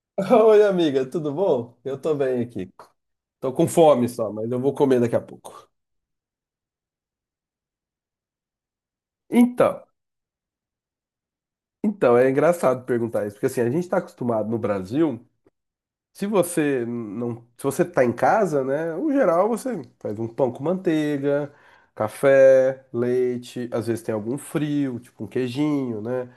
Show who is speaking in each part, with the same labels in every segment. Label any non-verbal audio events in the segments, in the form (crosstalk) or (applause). Speaker 1: (laughs) Oi, amiga, tudo bom? Eu tô bem aqui. Tô com fome só, mas eu vou comer daqui a pouco. Então, então é engraçado perguntar isso, porque assim, a gente tá acostumado no Brasil. Se você tá em casa, né? No geral você faz um pão com manteiga, café, leite, às vezes tem algum frio, tipo um queijinho, né?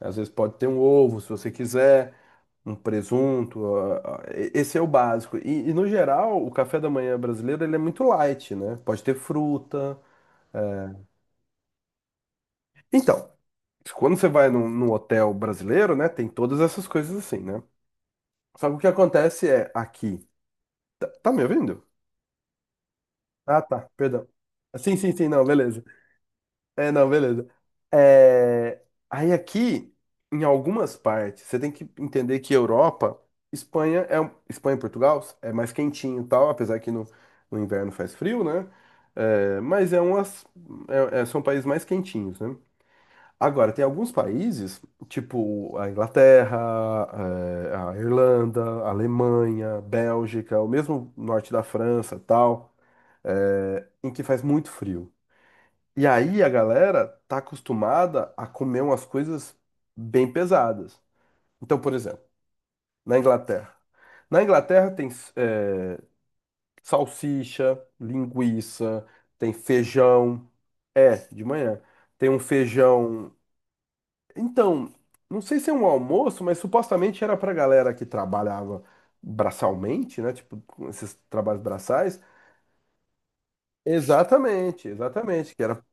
Speaker 1: Às vezes pode ter um ovo, se você quiser, um presunto. Esse é o básico. E, no geral, o café da manhã brasileiro ele é muito light, né? Pode ter fruta. É. Então, quando você vai num, hotel brasileiro, né? Tem todas essas coisas assim, né? Só que o que acontece é aqui. Tá me ouvindo? Ah, tá, perdão. Sim, sim, sim, não, beleza. É, não, beleza. É, aí aqui, em algumas partes, você tem que entender que Europa, Espanha e Portugal é mais quentinho e tal, apesar que no inverno faz frio, né? É, mas são países mais quentinhos, né? Agora, tem alguns países, tipo a Inglaterra, a Irlanda, a Alemanha, Bélgica, o mesmo norte da França, tal, em que faz muito frio. E aí a galera tá acostumada a comer umas coisas bem pesadas. Então, por exemplo, na Inglaterra. Na Inglaterra tem é, salsicha, linguiça, tem feijão. É, de manhã. Tem um feijão. Então, não sei se é um almoço, mas supostamente era pra galera que trabalhava braçalmente, né? Tipo, com esses trabalhos braçais. Exatamente, exatamente. Que era.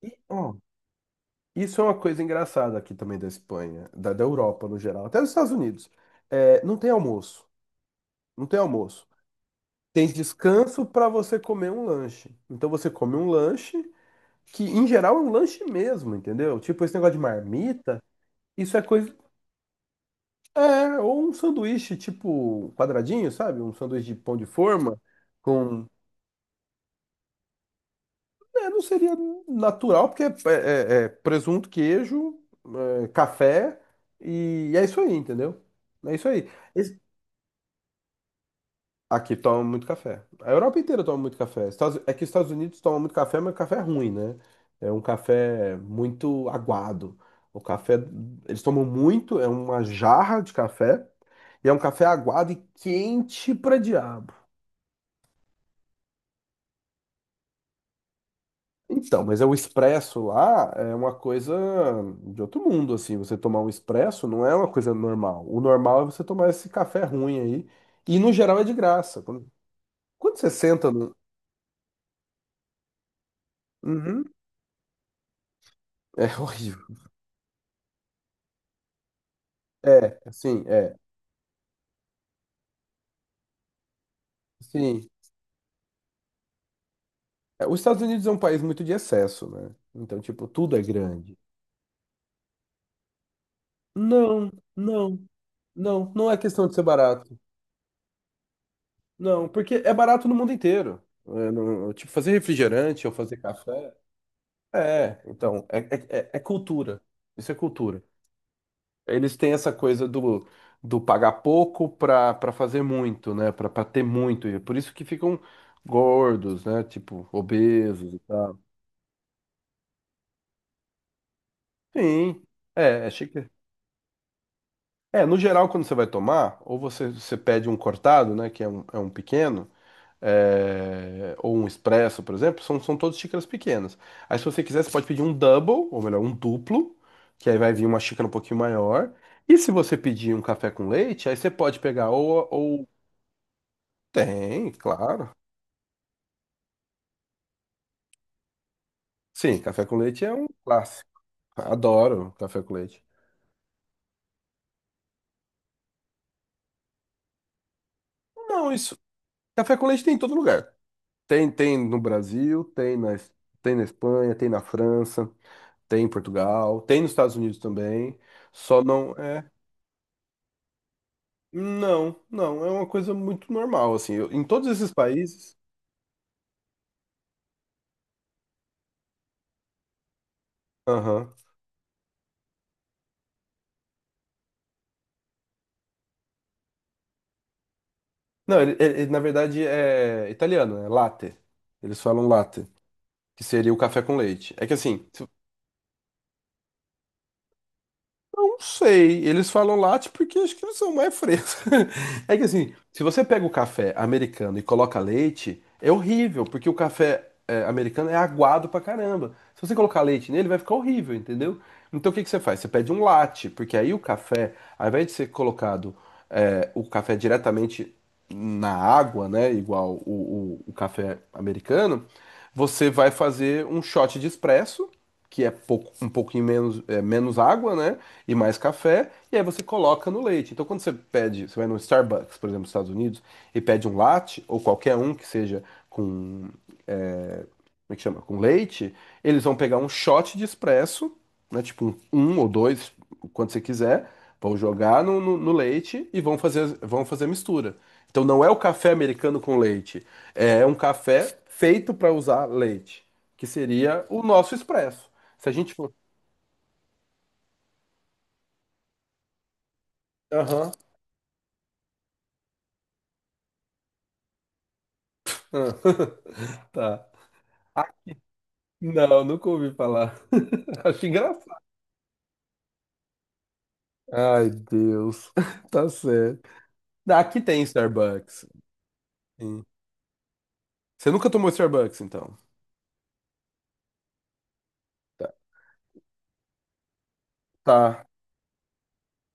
Speaker 1: E, ó, isso é uma coisa engraçada aqui também da Espanha, da Europa no geral, até dos Estados Unidos. É, não tem almoço. Não tem almoço. Tem descanso para você comer um lanche. Então você come um lanche, que em geral é um lanche mesmo, entendeu? Tipo esse negócio de marmita, isso é coisa. É, ou um sanduíche tipo um quadradinho, sabe? Um sanduíche de pão de forma com. É, não seria natural, porque é presunto, queijo, café, e é isso aí, entendeu? É isso aí. Aqui toma muito café. A Europa inteira toma muito café. É que os Estados Unidos tomam muito café, mas café é ruim, né? É um café muito aguado. O café, eles tomam muito, é uma jarra de café, e é um café aguado e quente pra diabo. Então, mas é o expresso lá é uma coisa de outro mundo, assim. Você tomar um expresso não é uma coisa normal. O normal é você tomar esse café ruim aí. E no geral é de graça. Quando você senta no. Uhum. É horrível. É, assim, sim. É, os Estados Unidos é um país muito de excesso, né? Então, tipo, tudo é grande. Não, não, não, não é questão de ser barato. Não, porque é barato no mundo inteiro. É, tipo, fazer refrigerante ou fazer café. É, então, é cultura. Isso é cultura. Eles têm essa coisa do, pagar pouco pra fazer muito, né? Pra ter muito. E é por isso que ficam gordos, né? Tipo, obesos e tal. Sim, é chique. É, no geral, quando você vai tomar, ou você pede um cortado, né, que é um pequeno, ou um expresso, por exemplo, são todas xícaras pequenas. Aí, se você quiser, você pode pedir um double, ou melhor, um duplo, que aí vai vir uma xícara um pouquinho maior. E se você pedir um café com leite, aí você pode pegar ou. Tem, claro. Sim, café com leite é um clássico. Adoro café com leite. Não, isso. Café com leite tem em todo lugar. Tem no Brasil, tem na Espanha, tem na França. Tem em Portugal, tem nos Estados Unidos também, só não é. Não, não, é uma coisa muito normal, assim. Em todos esses países. Aham. Não, ele, na verdade é italiano, é latte. Eles falam latte, que seria o café com leite. É que assim. Não sei, eles falam latte porque acho que eles são mais frescos. (laughs) É que assim, se você pega o café americano e coloca leite, é horrível, porque o café americano é aguado pra caramba. Se você colocar leite nele, vai ficar horrível, entendeu? Então o que que você faz? Você pede um latte, porque aí o café, ao invés de ser colocado, o café diretamente na água, né, igual o, o café americano, você vai fazer um shot de expresso, que é um pouquinho menos, menos água, né? E mais café, e aí você coloca no leite. Então, quando você pede, você vai no Starbucks, por exemplo, nos Estados Unidos, e pede um latte, ou qualquer um que seja como é que chama? Com leite, eles vão pegar um shot de expresso, né? Tipo um, um ou dois, quando você quiser, vão jogar no, no leite e vão fazer a mistura. Então, não é o café americano com leite, é um café feito para usar leite, que seria o nosso expresso. Se a gente for. Aham. Ah, (laughs) tá. Não, nunca ouvi falar. (laughs) Acho engraçado. Ai, Deus. (laughs) Tá certo. Aqui tem Starbucks. Sim. Você nunca tomou Starbucks, então? Tá. Tá.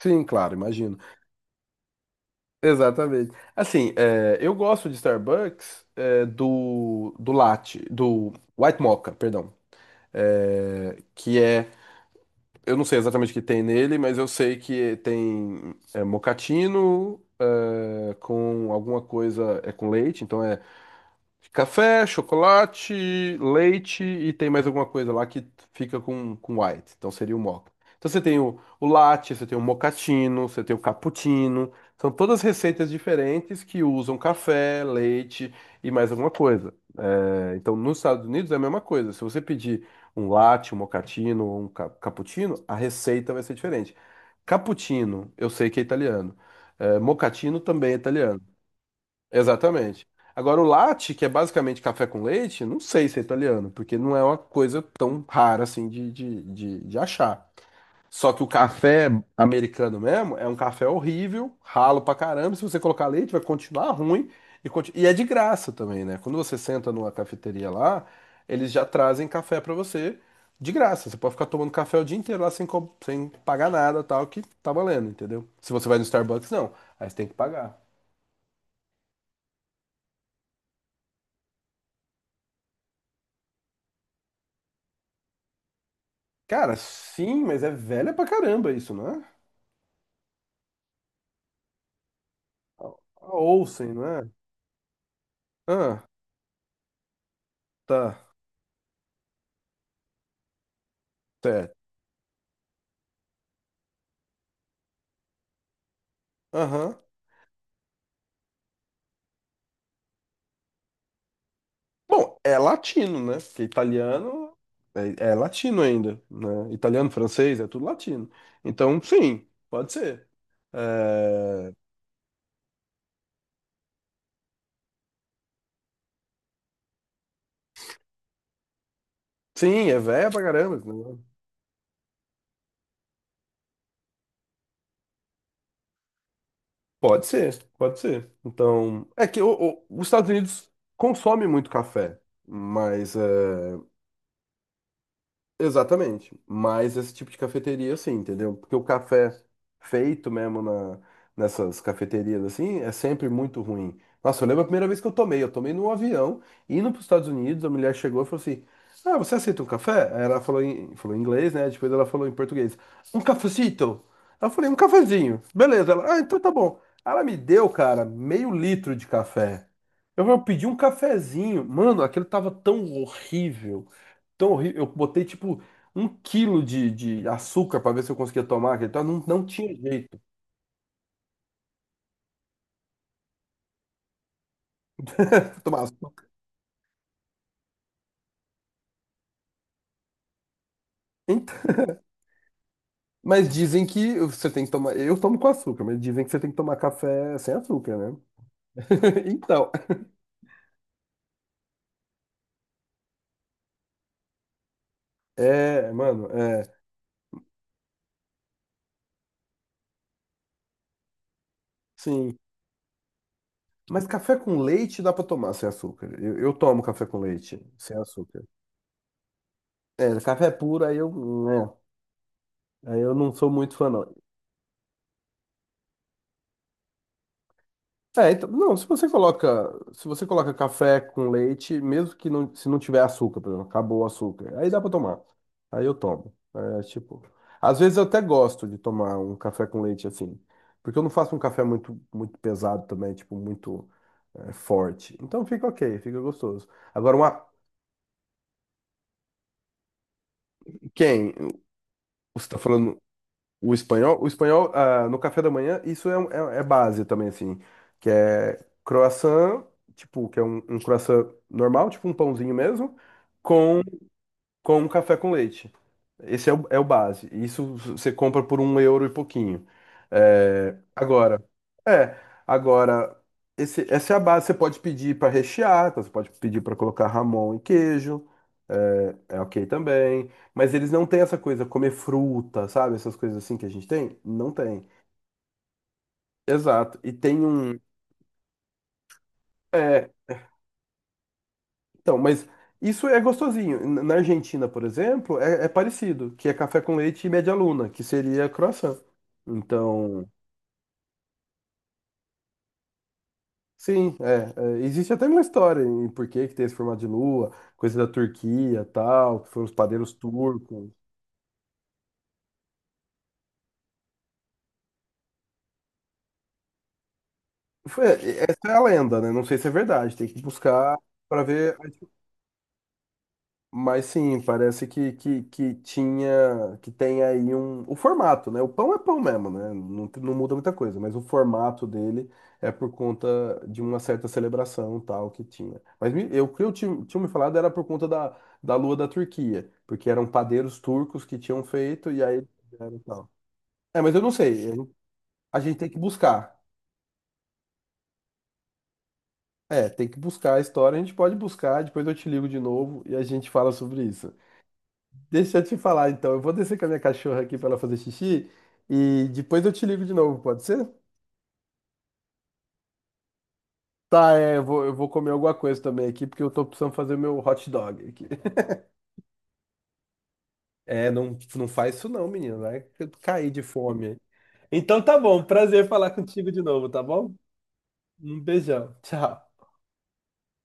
Speaker 1: Sim, claro, imagino. Exatamente. Assim, eu gosto de Starbucks, do latte, do White Mocha, perdão. É, que é, eu não sei exatamente o que tem nele, mas eu sei que tem mocatino, com alguma coisa, é com leite, então é café, chocolate, leite e tem mais alguma coisa lá que fica com, white. Então seria o mocha. Então você tem o latte, você tem o mocatino você tem o cappuccino. São todas receitas diferentes que usam café, leite e mais alguma coisa. É, então nos Estados Unidos é a mesma coisa. Se você pedir um latte, um mocatino ou um cappuccino, a receita vai ser diferente. Cappuccino, eu sei que é italiano. É, mochaccino também é italiano. Exatamente. Agora, o latte, que é basicamente café com leite, não sei se é italiano, porque não é uma coisa tão rara assim de achar. Só que o café americano mesmo é um café horrível, ralo pra caramba. Se você colocar leite, vai continuar ruim. E é de graça também, né? Quando você senta numa cafeteria lá, eles já trazem café pra você de graça. Você pode ficar tomando café o dia inteiro lá sem pagar nada, tal, que tá valendo, entendeu? Se você vai no Starbucks, não. Aí você tem que pagar. Cara, sim, mas é velha pra caramba isso, não é? A a Olsen, não é? Ah, tá. Certo. Aham. Bom, é latino, né? Porque italiano é latino ainda, né? Italiano, francês, é tudo latino. Então, sim, pode ser. É, sim, é velha pra caramba. Esse Pode ser, pode ser. Então, é que os Estados Unidos consomem muito café, mas é, Exatamente. Mas esse tipo de cafeteria, assim, entendeu? Porque o café feito mesmo nessas cafeterias, assim, é sempre muito ruim. Nossa, eu lembro a primeira vez que eu tomei. Eu tomei num avião, indo para os Estados Unidos, a mulher chegou e falou assim: Ah, você aceita um café? Aí ela falou em inglês, né? Depois ela falou em português: Um cafecito. Aí eu falei: Um cafezinho. Beleza. Ela, ah, então tá bom. Ela me deu, cara, meio litro de café. Eu pedi um cafezinho. Mano, aquilo tava tão horrível tão horrível. Eu botei tipo um quilo de açúcar para ver se eu conseguia tomar aquele tal. Não, não tinha jeito. (laughs) Tomar açúcar. Então, mas dizem que você tem que tomar. Eu tomo com açúcar, mas dizem que você tem que tomar café sem açúcar, né? (laughs) Então, mano, sim. Mas café com leite dá para tomar sem açúcar. Eu tomo café com leite sem açúcar. É, café puro, né, aí eu não sou muito fã, não. É, então, não, se você coloca, se você coloca café com leite, mesmo que não, se não tiver açúcar, por exemplo, acabou o açúcar, aí dá pra tomar. Aí eu tomo. É, tipo, às vezes eu até gosto de tomar um café com leite assim, porque eu não faço um café muito muito pesado também, tipo muito forte. Então fica ok, fica gostoso. Agora uma quem? Você tá falando? O espanhol, ah, no café da manhã, isso é base também, assim, que é croissant, tipo, que é um, croissant normal, tipo um pãozinho mesmo, com um café com leite. Esse é o base. Isso você compra por 1 euro e pouquinho. É, agora, é, agora, essa é a base. Você pode pedir para rechear, então você pode pedir para colocar Ramon e queijo. É ok também. Mas eles não têm essa coisa, comer fruta, sabe? Essas coisas assim que a gente tem? Não tem. Exato. E tem um. É, então, mas isso é gostosinho. Na Argentina, por exemplo, é parecido, que é café com leite e média luna, que seria croissant. Então, sim, existe até uma história em por que que tem esse formato de lua, coisa da Turquia, tal, que foram os padeiros turcos. Essa é a lenda, né? Não sei se é verdade, tem que buscar para ver. Mas sim, parece que tem aí o formato, né? O pão é pão mesmo, né? Não, não muda muita coisa, mas o formato dele é por conta de uma certa celebração tal que tinha. Mas eu, o que eu tinha me falado era por conta da lua da Turquia, porque eram padeiros turcos que tinham feito e aí fizeram tal. É, mas eu não sei. A gente tem que buscar. É, tem que buscar a história, a gente pode buscar, depois eu te ligo de novo e a gente fala sobre isso. Deixa eu te falar, então. Eu vou descer com a minha cachorra aqui pra ela fazer xixi e depois eu te ligo de novo, pode ser? Tá, é, eu vou comer alguma coisa também aqui, porque eu tô precisando fazer meu hot dog aqui. (laughs) É, não, não faz isso não, menino. Vai cair de fome. Então tá bom, prazer falar contigo de novo, tá bom? Um beijão. Tchau.